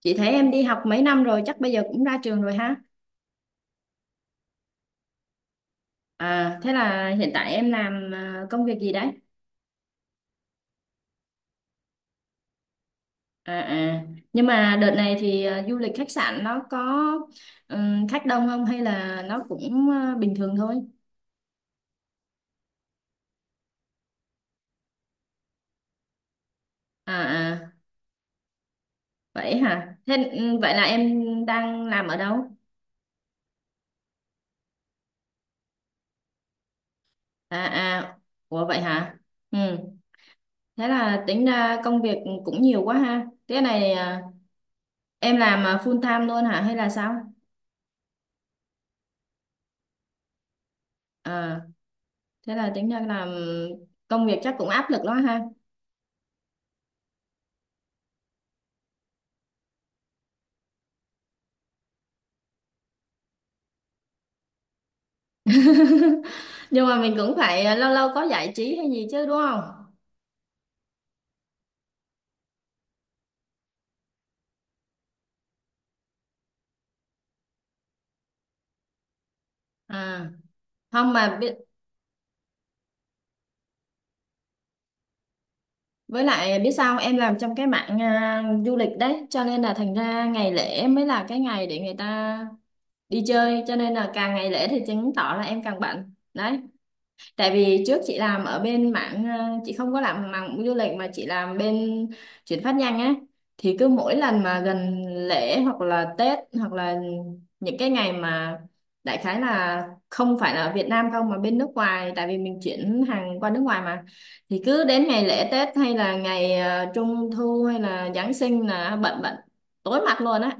Chị thấy em đi học mấy năm rồi, chắc bây giờ cũng ra trường rồi ha. À, thế là hiện tại em làm công việc gì đấy? À, à. Nhưng mà đợt này thì du lịch khách sạn nó có khách đông không hay là nó cũng bình thường thôi? À, à. Vậy hả? Thế vậy là em đang làm ở đâu? À, à. Ủa vậy hả? Ừ. Thế là tính ra công việc cũng nhiều quá ha. Thế này em làm full time luôn hả hay là sao? À. Thế là tính ra là công việc chắc cũng áp lực lắm ha. Nhưng mà mình cũng phải lâu lâu có giải trí hay gì chứ đúng không? À không mà biết. Với lại biết sao không? Em làm trong cái mạng du lịch đấy, cho nên là thành ra ngày lễ mới là cái ngày để người ta đi chơi, cho nên là càng ngày lễ thì chứng tỏ là em càng bận đấy. Tại vì trước chị làm ở bên mảng chị không có làm mảng du lịch mà chị làm bên chuyển phát nhanh á, thì cứ mỗi lần mà gần lễ hoặc là Tết hoặc là những cái ngày mà đại khái là không phải là ở Việt Nam không mà bên nước ngoài, tại vì mình chuyển hàng qua nước ngoài mà thì cứ đến ngày lễ Tết hay là ngày Trung thu hay là Giáng sinh là bận bận tối mặt luôn á.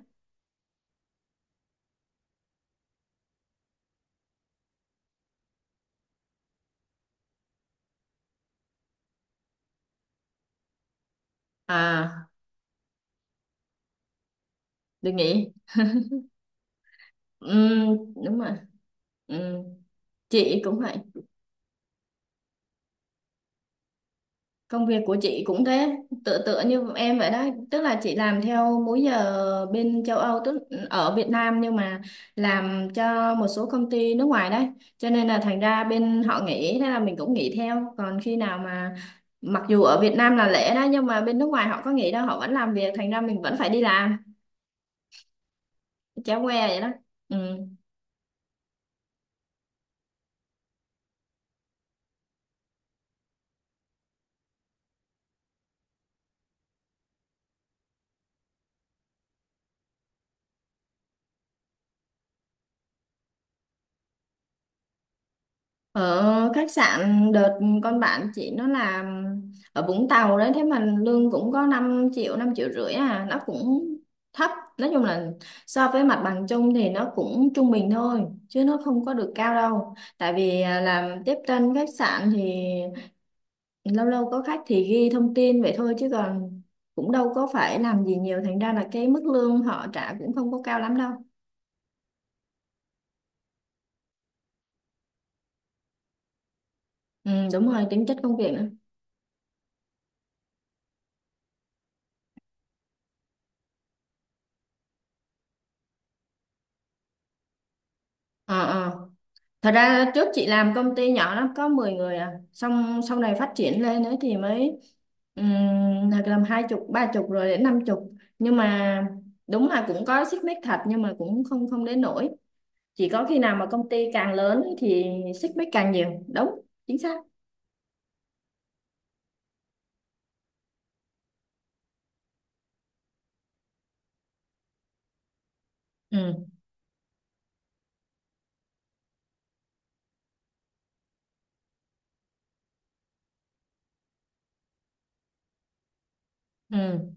À, được nhỉ. Ừm, đúng rồi. Ừm, chị cũng vậy. Công việc của chị cũng thế, tựa tựa như em vậy đó, tức là chị làm theo múi giờ bên châu Âu, tức ở Việt Nam nhưng mà làm cho một số công ty nước ngoài đấy, cho nên là thành ra bên họ nghỉ, thế là mình cũng nghỉ theo. Còn khi nào mà mặc dù ở Việt Nam là lễ đó nhưng mà bên nước ngoài họ có nghỉ đâu, họ vẫn làm việc, thành ra mình vẫn phải đi làm, chéo que vậy đó. Ừ. Ở khách sạn đợt con bạn chị nó làm ở Vũng Tàu đấy, thế mà lương cũng có 5 triệu 5,5 triệu à, nó cũng thấp. Nói chung là so với mặt bằng chung thì nó cũng trung bình thôi chứ nó không có được cao đâu, tại vì làm tiếp tân khách sạn thì lâu lâu có khách thì ghi thông tin vậy thôi, chứ còn cũng đâu có phải làm gì nhiều, thành ra là cái mức lương họ trả cũng không có cao lắm đâu. Ừ, đúng rồi, tính chất công việc nữa. Ờ, ờ. Thật ra trước chị làm công ty nhỏ lắm, có 10 người à, xong sau này phát triển lên ấy thì mới ừm, hoặc làm hai chục ba chục rồi đến năm chục, nhưng mà đúng là cũng có xích mích thật nhưng mà cũng không không đến nỗi, chỉ có khi nào mà công ty càng lớn ấy thì xích mích càng nhiều, đúng, chính xác. Ừ, ừ,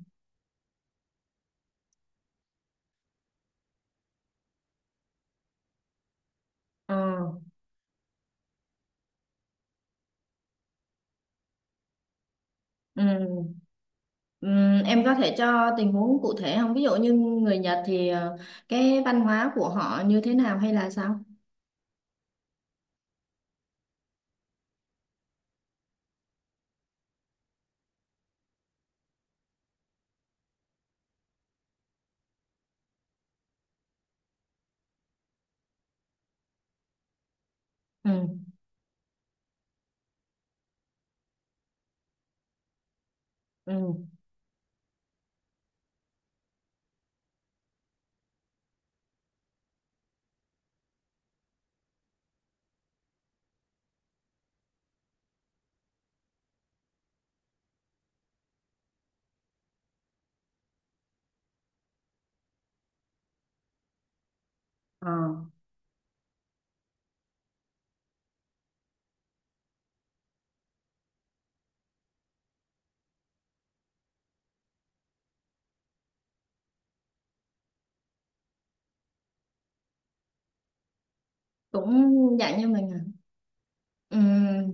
ờ, ừ, ừ. Em có thể cho tình huống cụ thể không, ví dụ như người Nhật thì cái văn hóa của họ như thế nào hay là sao? Ừ, ừ. Ờ. Cũng dạng như mình à. Ừm,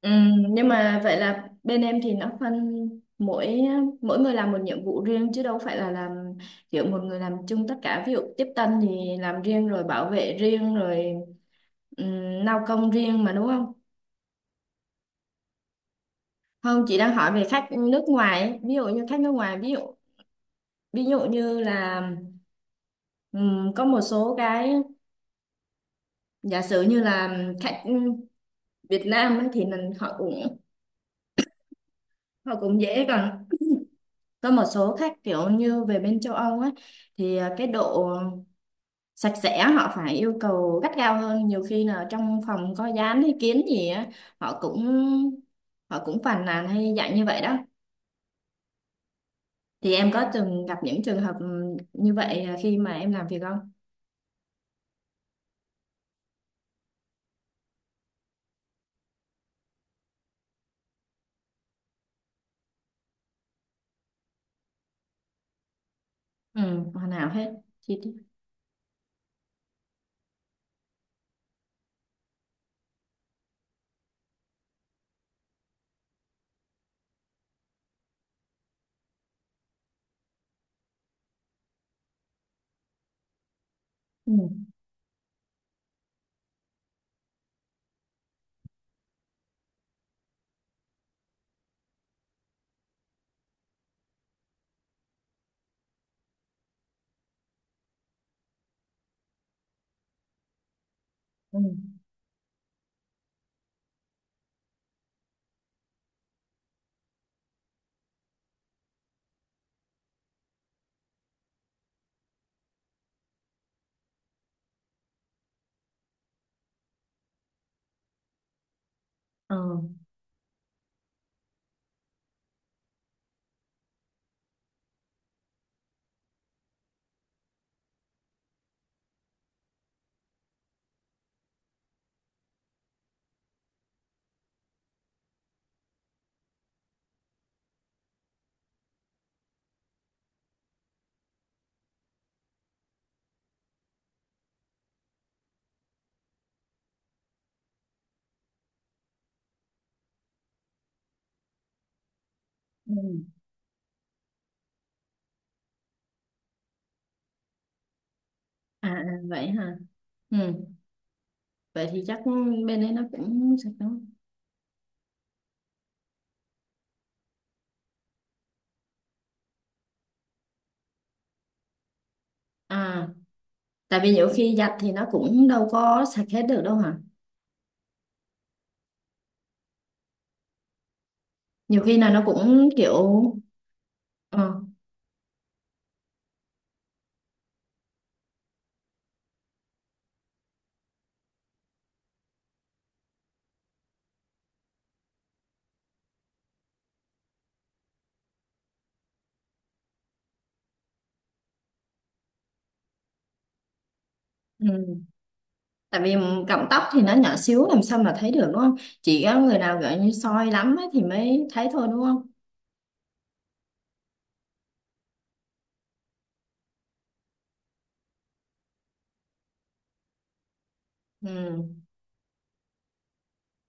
nhưng mà vậy là bên em thì nó phân mỗi mỗi người làm một nhiệm vụ riêng, chứ đâu phải là làm kiểu một người làm chung tất cả, ví dụ tiếp tân thì làm riêng rồi bảo vệ riêng rồi lao công riêng mà đúng không? Không, chị đang hỏi về khách nước ngoài ấy. Ví dụ như khách nước ngoài, ví dụ như là có một số cái, giả sử như là khách Việt Nam ấy, thì mình họ cũng dễ còn. Có một số khách kiểu như về bên châu Âu ấy thì cái độ sạch sẽ họ phải yêu cầu gắt gao hơn, nhiều khi là trong phòng có dán hay kiến gì á, họ cũng họ cũng phàn nàn hay dạng như vậy đó. Thì em có từng gặp những trường hợp như vậy, khi mà em làm việc không? Ừ, hoàn hảo hết chi tiết. Ừ, ừ, ờ, ừ. À, à, vậy hả? Ừ, vậy thì chắc bên đấy nó cũng sạch đúng không? À, tại vì nhiều khi giặt thì nó cũng đâu có sạch hết được đâu hả? Nhiều khi là nó cũng kiểu ờ, ừ. Tại vì cọng tóc thì nó nhỏ xíu làm sao mà thấy được đúng không? Chỉ có người nào gọi như soi lắm ấy thì mới thấy thôi đúng không? Ừ.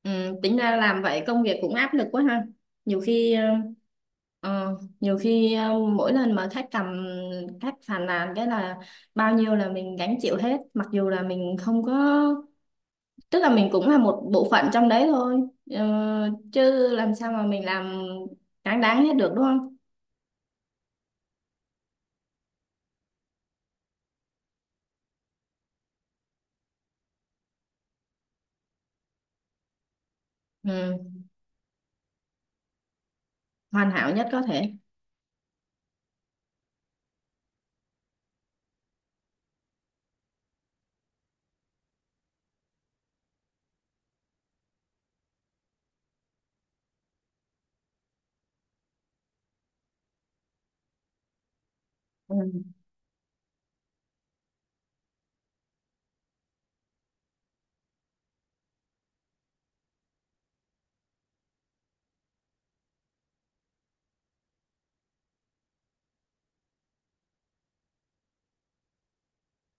Ừ. Tính ra làm vậy công việc cũng áp lực quá ha. Nhiều khi ờ, ờ, nhiều khi mỗi lần mà khách phàn nàn, cái là bao nhiêu là mình gánh chịu hết, mặc dù là mình không có, tức là mình cũng là một bộ phận trong đấy thôi. Ờ, chứ làm sao mà mình làm đáng đáng hết được đúng không? Ừ. Hoàn hảo nhất có thể. Ừ.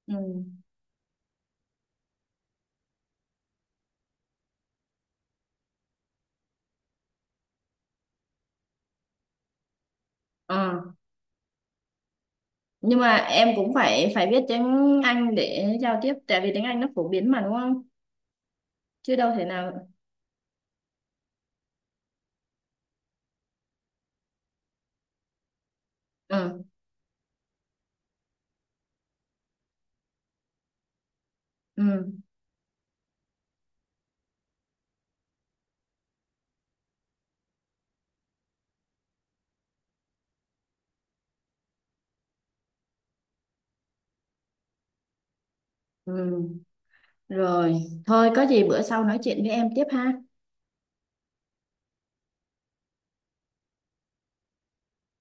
Ừ. Ờ. Nhưng mà em cũng phải phải biết tiếng Anh để giao tiếp, tại vì tiếng Anh nó phổ biến mà đúng không, chứ đâu thể nào. Ừ. Ừ. Ừ. Rồi thôi, có gì bữa sau nói chuyện với em tiếp ha.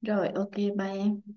Rồi, ok, bye em.